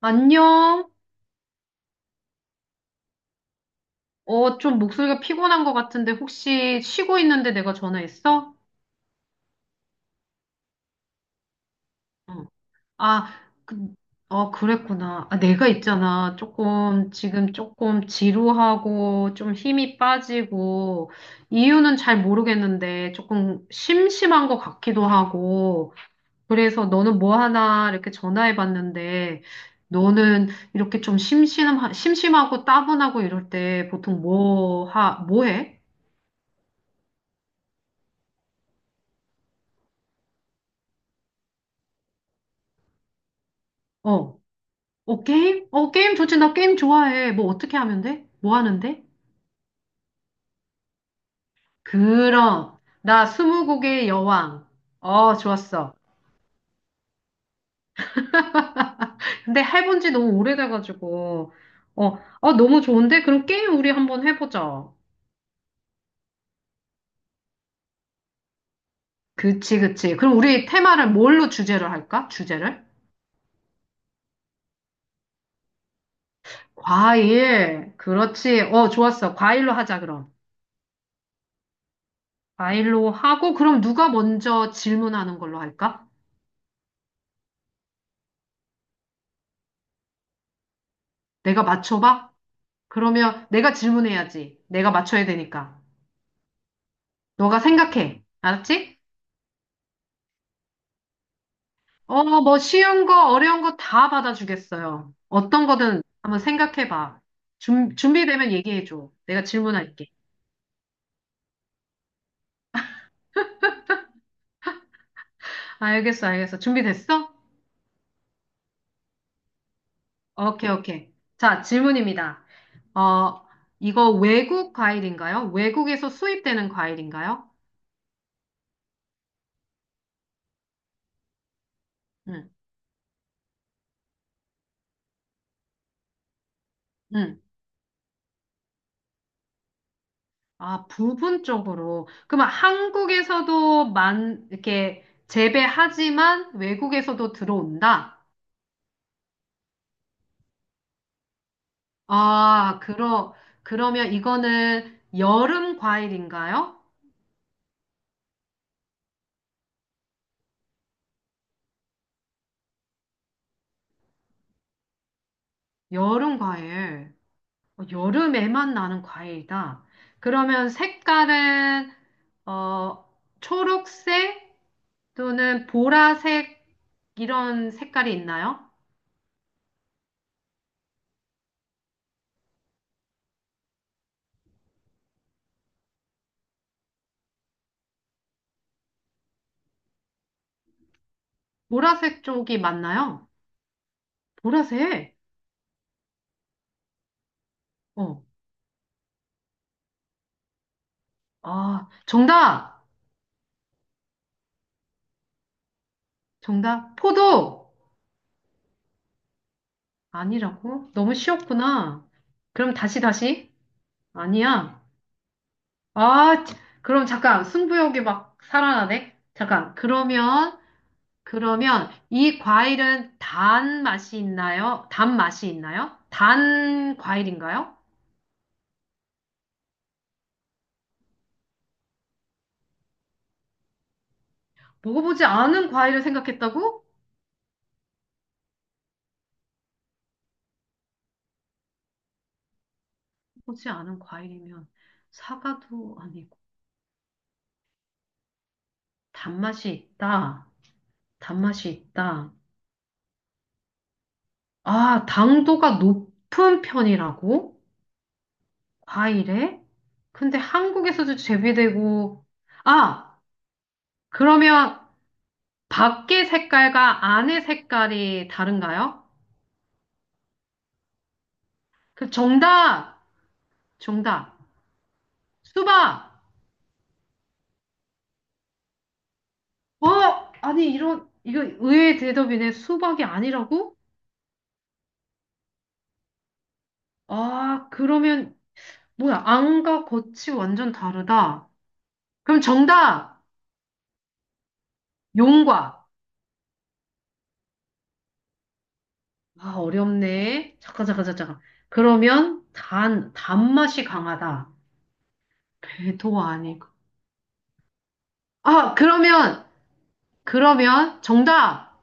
안녕? 어, 좀 목소리가 피곤한 것 같은데 혹시 쉬고 있는데 내가 전화했어? 응. 아, 그, 그랬구나. 아, 내가 있잖아. 조금, 지금 조금 지루하고 좀 힘이 빠지고 이유는 잘 모르겠는데 조금 심심한 것 같기도 하고 그래서 너는 뭐 하나 이렇게 전화해 봤는데 너는 이렇게 심심하고 따분하고 이럴 때 보통 뭐 해? 어. 어, 게임? 어, 게임 좋지. 나 게임 좋아해. 뭐 어떻게 하면 돼? 뭐 하는데? 그럼. 나 스무고개의 여왕. 어, 좋았어. 근데 해본 지 너무 오래돼가지고. 어, 어, 너무 좋은데? 그럼 게임 우리 한번 해보자. 그치, 그치. 그럼 우리 테마를 뭘로 주제를 할까? 주제를? 과일. 그렇지. 어, 좋았어. 과일로 하자, 그럼. 과일로 하고, 그럼 누가 먼저 질문하는 걸로 할까? 내가 맞춰봐? 그러면 내가 질문해야지. 내가 맞춰야 되니까. 너가 생각해. 알았지? 어, 뭐 쉬운 거, 어려운 거 다 받아주겠어요. 어떤 거든 한번 생각해봐. 준비되면 얘기해줘. 내가 질문할게. 아, 알겠어, 알겠어. 준비됐어? 오케이, 오케이. 자, 질문입니다. 어, 이거 외국 과일인가요? 외국에서 수입되는 과일인가요? 응, 응. 아, 부분적으로. 그러면 한국에서도 이렇게 재배하지만 외국에서도 들어온다? 아, 그러, 그러면 이거는 여름 과일인가요? 여름 과일. 어, 여름에만 나는 과일이다. 그러면 색깔은, 어, 초록색 또는 보라색 이런 색깔이 있나요? 보라색 쪽이 맞나요? 보라색? 어. 아, 정답! 정답. 포도! 아니라고? 너무 쉬웠구나. 그럼 다시, 다시. 아니야. 아, 치- 그럼 잠깐 승부욕이 막 살아나네? 잠깐. 그러면 이 과일은 단 맛이 있나요? 단 맛이 있나요? 단 과일인가요? 먹어보지 않은 과일을 생각했다고? 먹어 보지 않은 과일이면 사과도 아니고 단맛이 있다. 단맛이 있다. 아, 당도가 높은 편이라고? 과일에? 근데 한국에서도 재배되고 아, 그러면 밖의 색깔과 안의 색깔이 다른가요? 그 정답, 정답. 수박. 어? 아니, 이런, 이거 의외의 대답이네. 수박이 아니라고? 아, 그러면, 뭐야, 안과 겉이 완전 다르다. 그럼 정답, 용과. 아, 어렵네. 잠깐. 그러면 단맛이 강하다. 배도 아니고. 아, 그러면, 그러면 정답,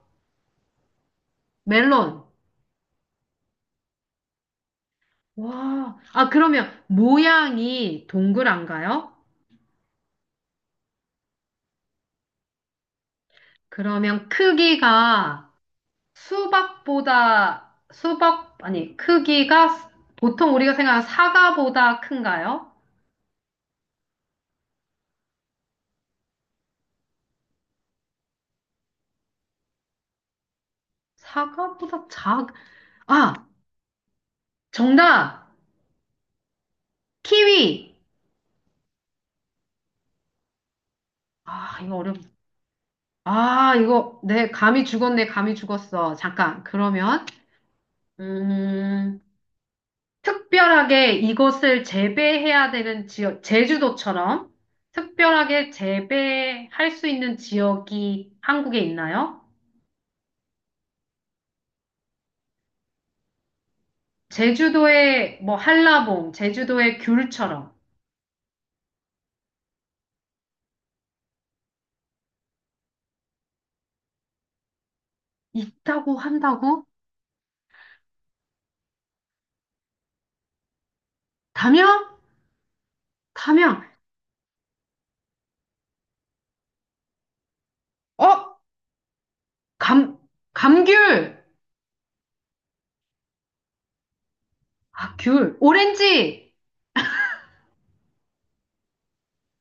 멜론. 와, 아, 그러면 모양이 동그란가요? 그러면 크기가 수박보다, 수박, 아니, 크기가 보통 우리가 생각하는 사과보다 큰가요? 사과보다 작, 아, 정답! 키위! 아, 이거 어렵, 아, 이거, 내 감이 죽었네, 감이 죽었어. 잠깐, 그러면, 음, 특별하게 이것을 재배해야 되는 지역, 제주도처럼 특별하게 재배할 수 있는 지역이 한국에 있나요? 제주도의 뭐 한라봉, 제주도의 귤처럼 있다고 한다고? 담양? 담양. 어? 감, 감귤. 아, 귤. 오렌지.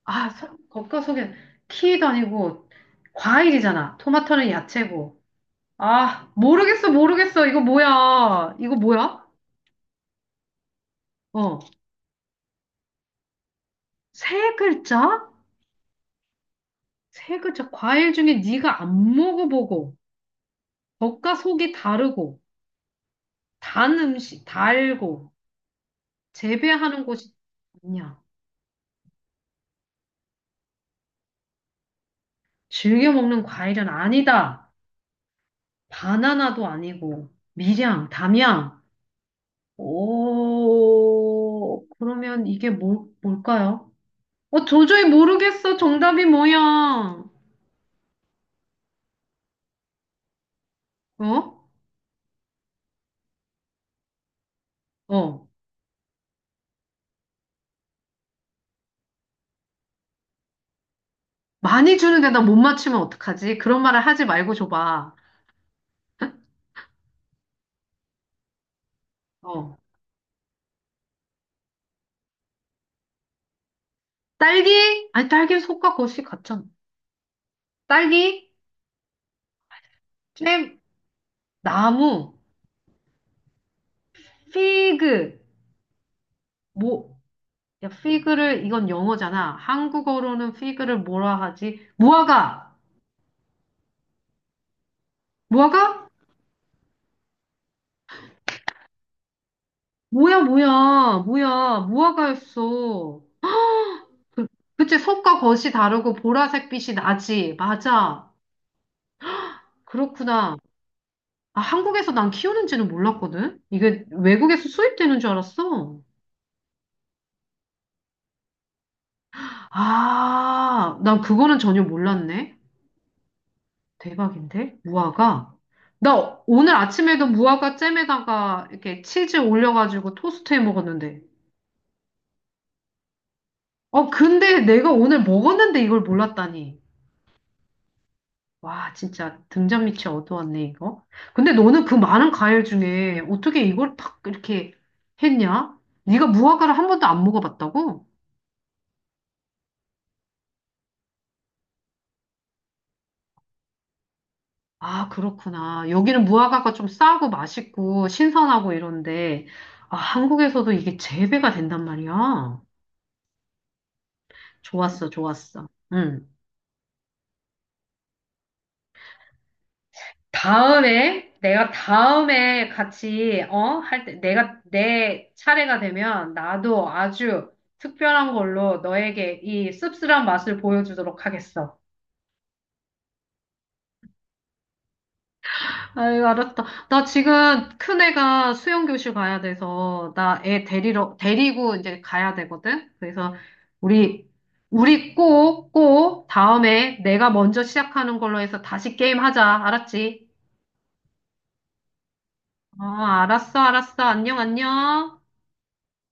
아, 서- 겉과 속에 키위도 아니고 과일이잖아. 토마토는 야채고. 아, 모르겠어, 모르겠어. 이거 뭐야? 이거 뭐야? 어. 세 글자? 세 글자. 과일 중에 네가 안 먹어보고, 겉과 속이 다르고, 단 음식, 달고, 재배하는 곳이 아니야. 즐겨 먹는 과일은 아니다. 바나나도 아니고, 밀양, 담양. 오, 그러면 이게 뭘까요? 어, 도저히 모르겠어. 정답이 뭐야? 어? 어. 많이 주는데 나 못 맞추면 어떡하지? 그런 말을 하지 말고 줘봐. 어. 딸기? 아니, 딸기는 속과 겉이 같잖아. 딸기, 잼, 나무, 피그. 뭐, 야, 피그를, 이건 영어잖아. 한국어로는 피그를 뭐라 하지? 무화과! 무화과? 뭐야, 무화과였어. 그, 그치, 속과 겉이 다르고 보라색 빛이 나지. 맞아. 그렇구나. 아, 한국에서 난 키우는지는 몰랐거든? 이게 외국에서 수입되는 줄 알았어. 아, 난 그거는 전혀 몰랐네. 대박인데? 무화과? 나 오늘 아침에도 무화과 잼에다가 이렇게 치즈 올려가지고 토스트 해 먹었는데. 어, 근데 내가 오늘 먹었는데 이걸 몰랐다니. 와, 진짜 등잔 밑이 어두웠네, 이거. 근데 너는 그 많은 과일 중에 어떻게 이걸 딱 이렇게 했냐? 네가 무화과를 한 번도 안 먹어봤다고? 아, 그렇구나. 여기는 무화과가 좀 싸고 맛있고 신선하고 이런데, 아, 한국에서도 이게 재배가 된단 말이야. 좋았어, 좋았어. 응, 다음에, 내가 다음에 같이, 어? 할 때, 내 차례가 되면 나도 아주 특별한 걸로 너에게 이 씁쓸한 맛을 보여주도록 하겠어. 아유, 알았다. 나 지금 큰애가 수영교실 가야 돼서, 데리고 이제 가야 되거든? 그래서, 우리, 우리 꼭, 다음에 내가 먼저 시작하는 걸로 해서 다시 게임 하자. 알았지? 어, 알았어, 알았어. 안녕, 안녕.